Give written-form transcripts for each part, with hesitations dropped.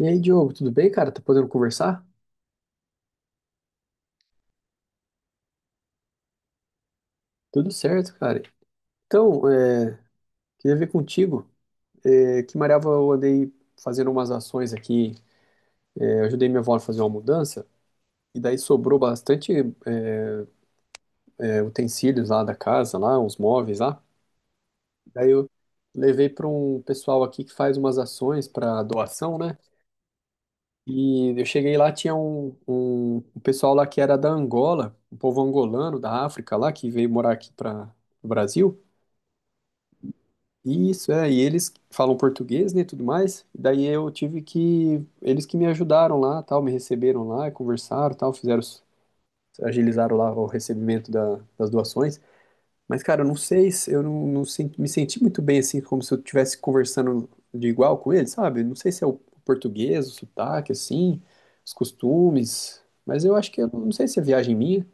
E aí, Diogo, tudo bem, cara? Tá podendo conversar? Tudo certo, cara. Então, queria ver contigo, que Mariava eu andei fazendo umas ações aqui, eu ajudei minha avó a fazer uma mudança, e daí sobrou bastante utensílios lá da casa, lá, uns móveis lá. Daí eu levei para um pessoal aqui que faz umas ações para doação, né? E eu cheguei lá, tinha um pessoal lá que era da Angola, um povo angolano da África lá, que veio morar aqui para o Brasil. Isso, é, e eles falam português, né, e tudo mais, e daí eu tive que, eles que me ajudaram lá, tal, me receberam lá, conversaram, tal, fizeram, agilizaram lá o recebimento das doações, mas, cara, eu não sei, eu não me senti muito bem, assim, como se eu estivesse conversando de igual com eles, sabe, não sei se é o português, o sotaque, assim, os costumes, mas eu acho que, eu não sei se é viagem minha.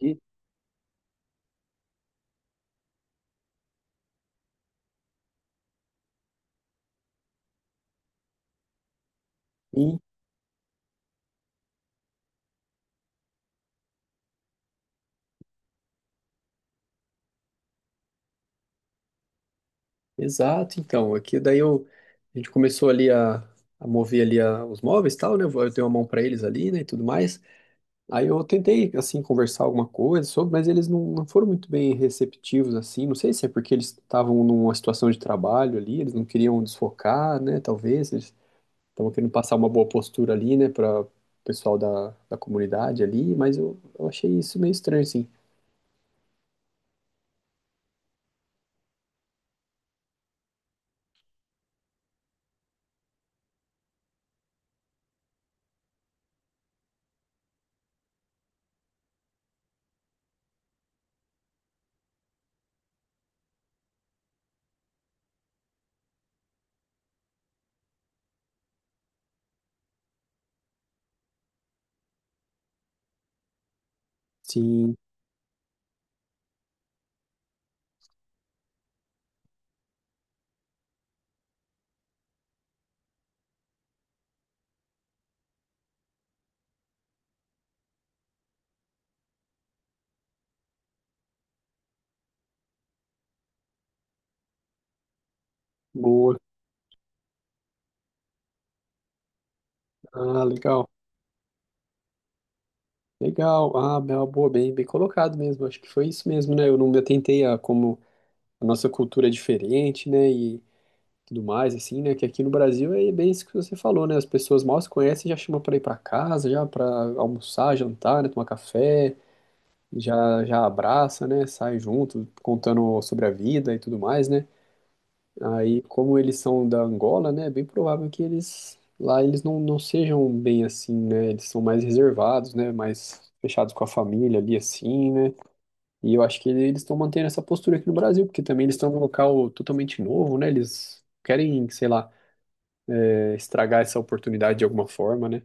E- exato, então, aqui daí eu, a gente começou ali a mover ali os móveis e tal, né? Eu dei uma mão para eles ali, né, e tudo mais. Aí eu tentei, assim, conversar alguma coisa sobre, mas eles não foram muito bem receptivos, assim. Não sei se é porque eles estavam numa situação de trabalho ali, eles não queriam desfocar, né? Talvez eles estavam querendo passar uma boa postura ali, né, para o pessoal da comunidade ali, mas eu achei isso meio estranho, assim. Sim, boa. Ah, legal. Legal, ah, é uma boa, bem colocado mesmo. Acho que foi isso mesmo, né? Eu não me atentei a como a nossa cultura é diferente, né? E tudo mais, assim, né? Que aqui no Brasil é bem isso que você falou, né? As pessoas mal se conhecem, já chamam para ir para casa, já para almoçar, jantar, né? Tomar café, já já abraça, né? Sai junto, contando sobre a vida e tudo mais, né? Aí, como eles são da Angola, né, é bem provável que eles lá eles não sejam bem assim, né? Eles são mais reservados, né? Mais fechados com a família ali assim, né? E eu acho que eles estão mantendo essa postura aqui no Brasil, porque também eles estão num local totalmente novo, né? Eles querem, sei lá, estragar essa oportunidade de alguma forma, né?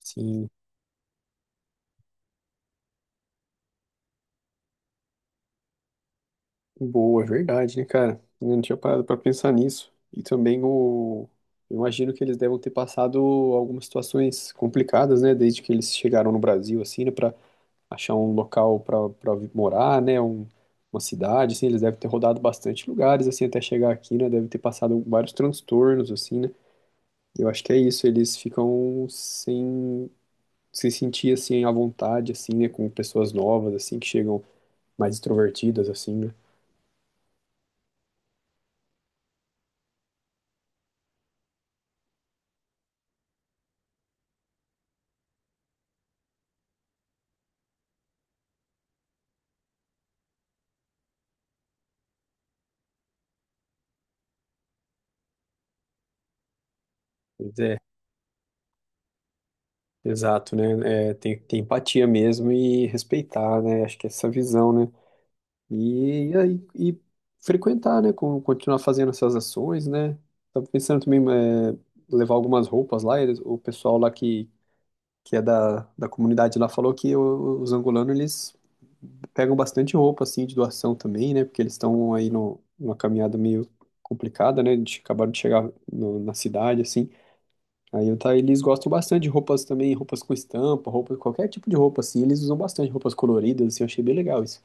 Sim. Boa, é verdade, né, cara? Eu não tinha parado pra pensar nisso. E também o. Eu imagino que eles devem ter passado algumas situações complicadas, né? Desde que eles chegaram no Brasil, assim, né? Pra achar um local morar, né? Um, uma cidade, assim. Eles devem ter rodado bastante lugares, assim, até chegar aqui, né? Deve ter passado vários transtornos, assim, né? Eu acho que é isso. Eles ficam sem se sentir, assim, à vontade, assim, né? Com pessoas novas, assim, que chegam mais extrovertidas, assim, né? Pois é. Exato, né? É, tem que ter empatia mesmo e respeitar, né? Acho que é essa visão, né? E frequentar, né? Com- continuar fazendo essas ações, né? Tava pensando também levar algumas roupas lá. Eles- o pessoal lá que é da comunidade lá falou que os angolanos, eles pegam bastante roupa, assim, de doação também, né? Porque eles estão aí no, numa caminhada meio complicada, né? De, acabaram de chegar na cidade, assim. Aí eu tá, eles gostam bastante de roupas também, roupas com estampa, roupa, qualquer tipo de roupa, assim, eles usam bastante roupas coloridas, assim, eu achei bem legal isso.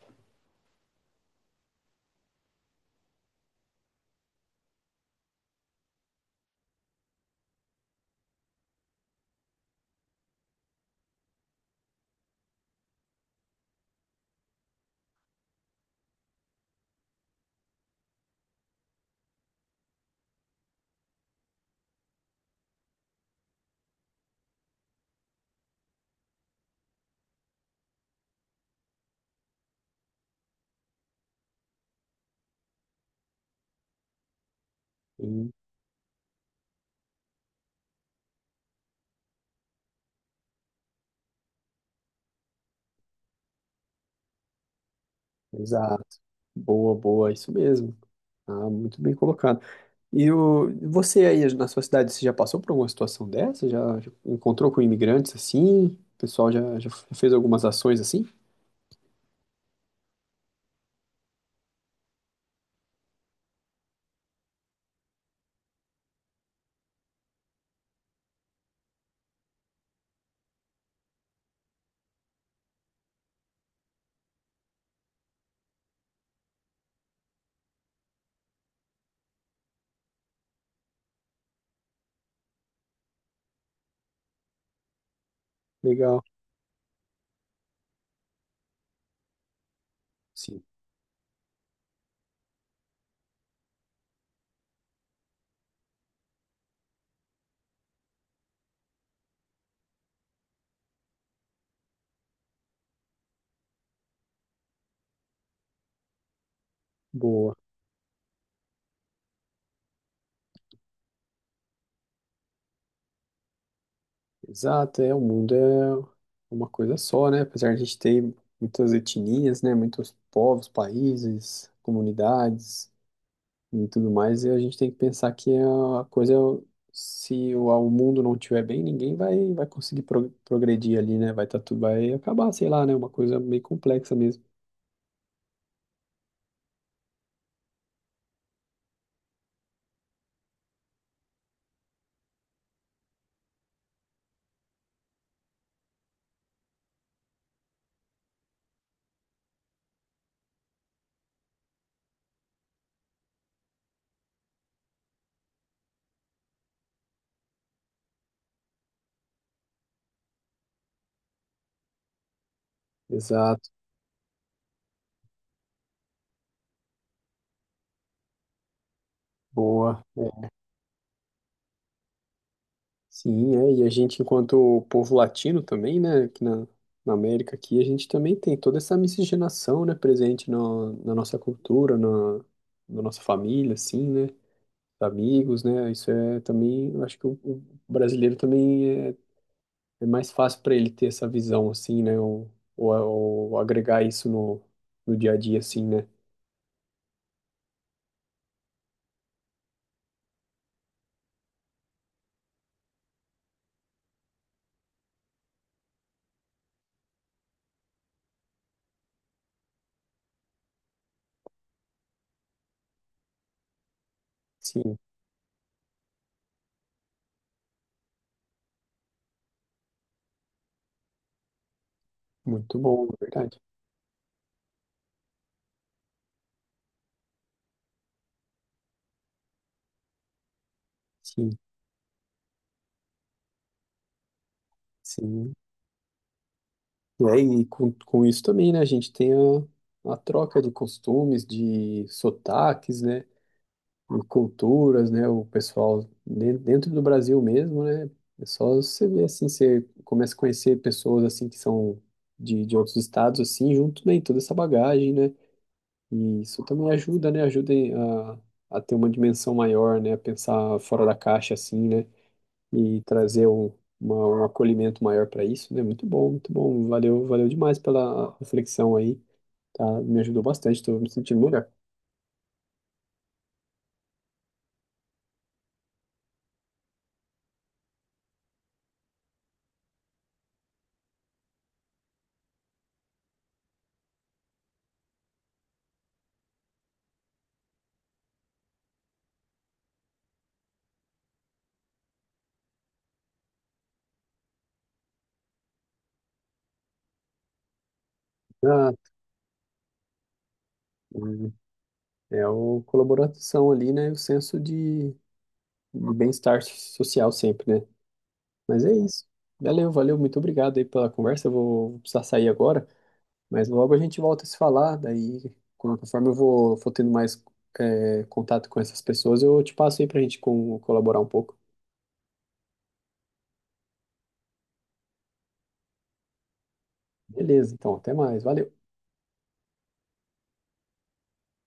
Sim, exato. Boa, boa, isso mesmo. Ah, muito bem colocado. E o, você aí na sua cidade, você já passou por alguma situação dessa? Já, já encontrou com imigrantes assim? O pessoal já, já fez algumas ações assim? Legal. Sim, boa. Exato, é, o mundo é uma coisa só, né? Apesar de a gente ter muitas etnias, né? Muitos povos, países, comunidades e tudo mais, e a gente tem que pensar que a coisa, se o mundo não estiver bem, ninguém vai, vai conseguir progredir ali, né? Vai, tá, tudo vai acabar, sei lá, né? Uma coisa meio complexa mesmo. Exato, boa. Sim, é, e a gente, enquanto povo latino também, né, aqui na América aqui, a gente também tem toda essa miscigenação, né, presente no, na nossa cultura, na nossa família, assim, né, amigos, né, isso é também, eu acho que o brasileiro também é, é mais fácil para ele ter essa visão, assim, né, ou agregar isso no, no dia a dia, assim, né, sim, muito bom, na verdade, sim, sim. Né? E com isso também, né? A gente tem a troca de costumes, de sotaques, né? De culturas, né? O pessoal de- dentro do Brasil mesmo, né? É só você ver assim, você começa a conhecer pessoas assim que são de outros estados, assim, junto, né? E toda essa bagagem, né? E isso também ajuda, né? Ajuda em- a ter uma dimensão maior, né? A pensar fora da caixa, assim, né? E trazer um, uma- um acolhimento maior para isso, né? Muito bom, muito bom. Valeu, valeu demais pela reflexão aí, tá? Me ajudou bastante, estou me sentindo melhor. Ah, hum, é a colaboração ali, né? O senso de bem-estar social sempre, né? Mas é isso. Valeu, valeu, muito obrigado aí pela conversa. Eu vou, vou precisar sair agora, mas logo a gente volta a se falar. Daí, conforme eu vou, for tendo mais contato com essas pessoas, eu te passo aí pra gente com, colaborar um pouco. Beleza, então, até mais. Valeu.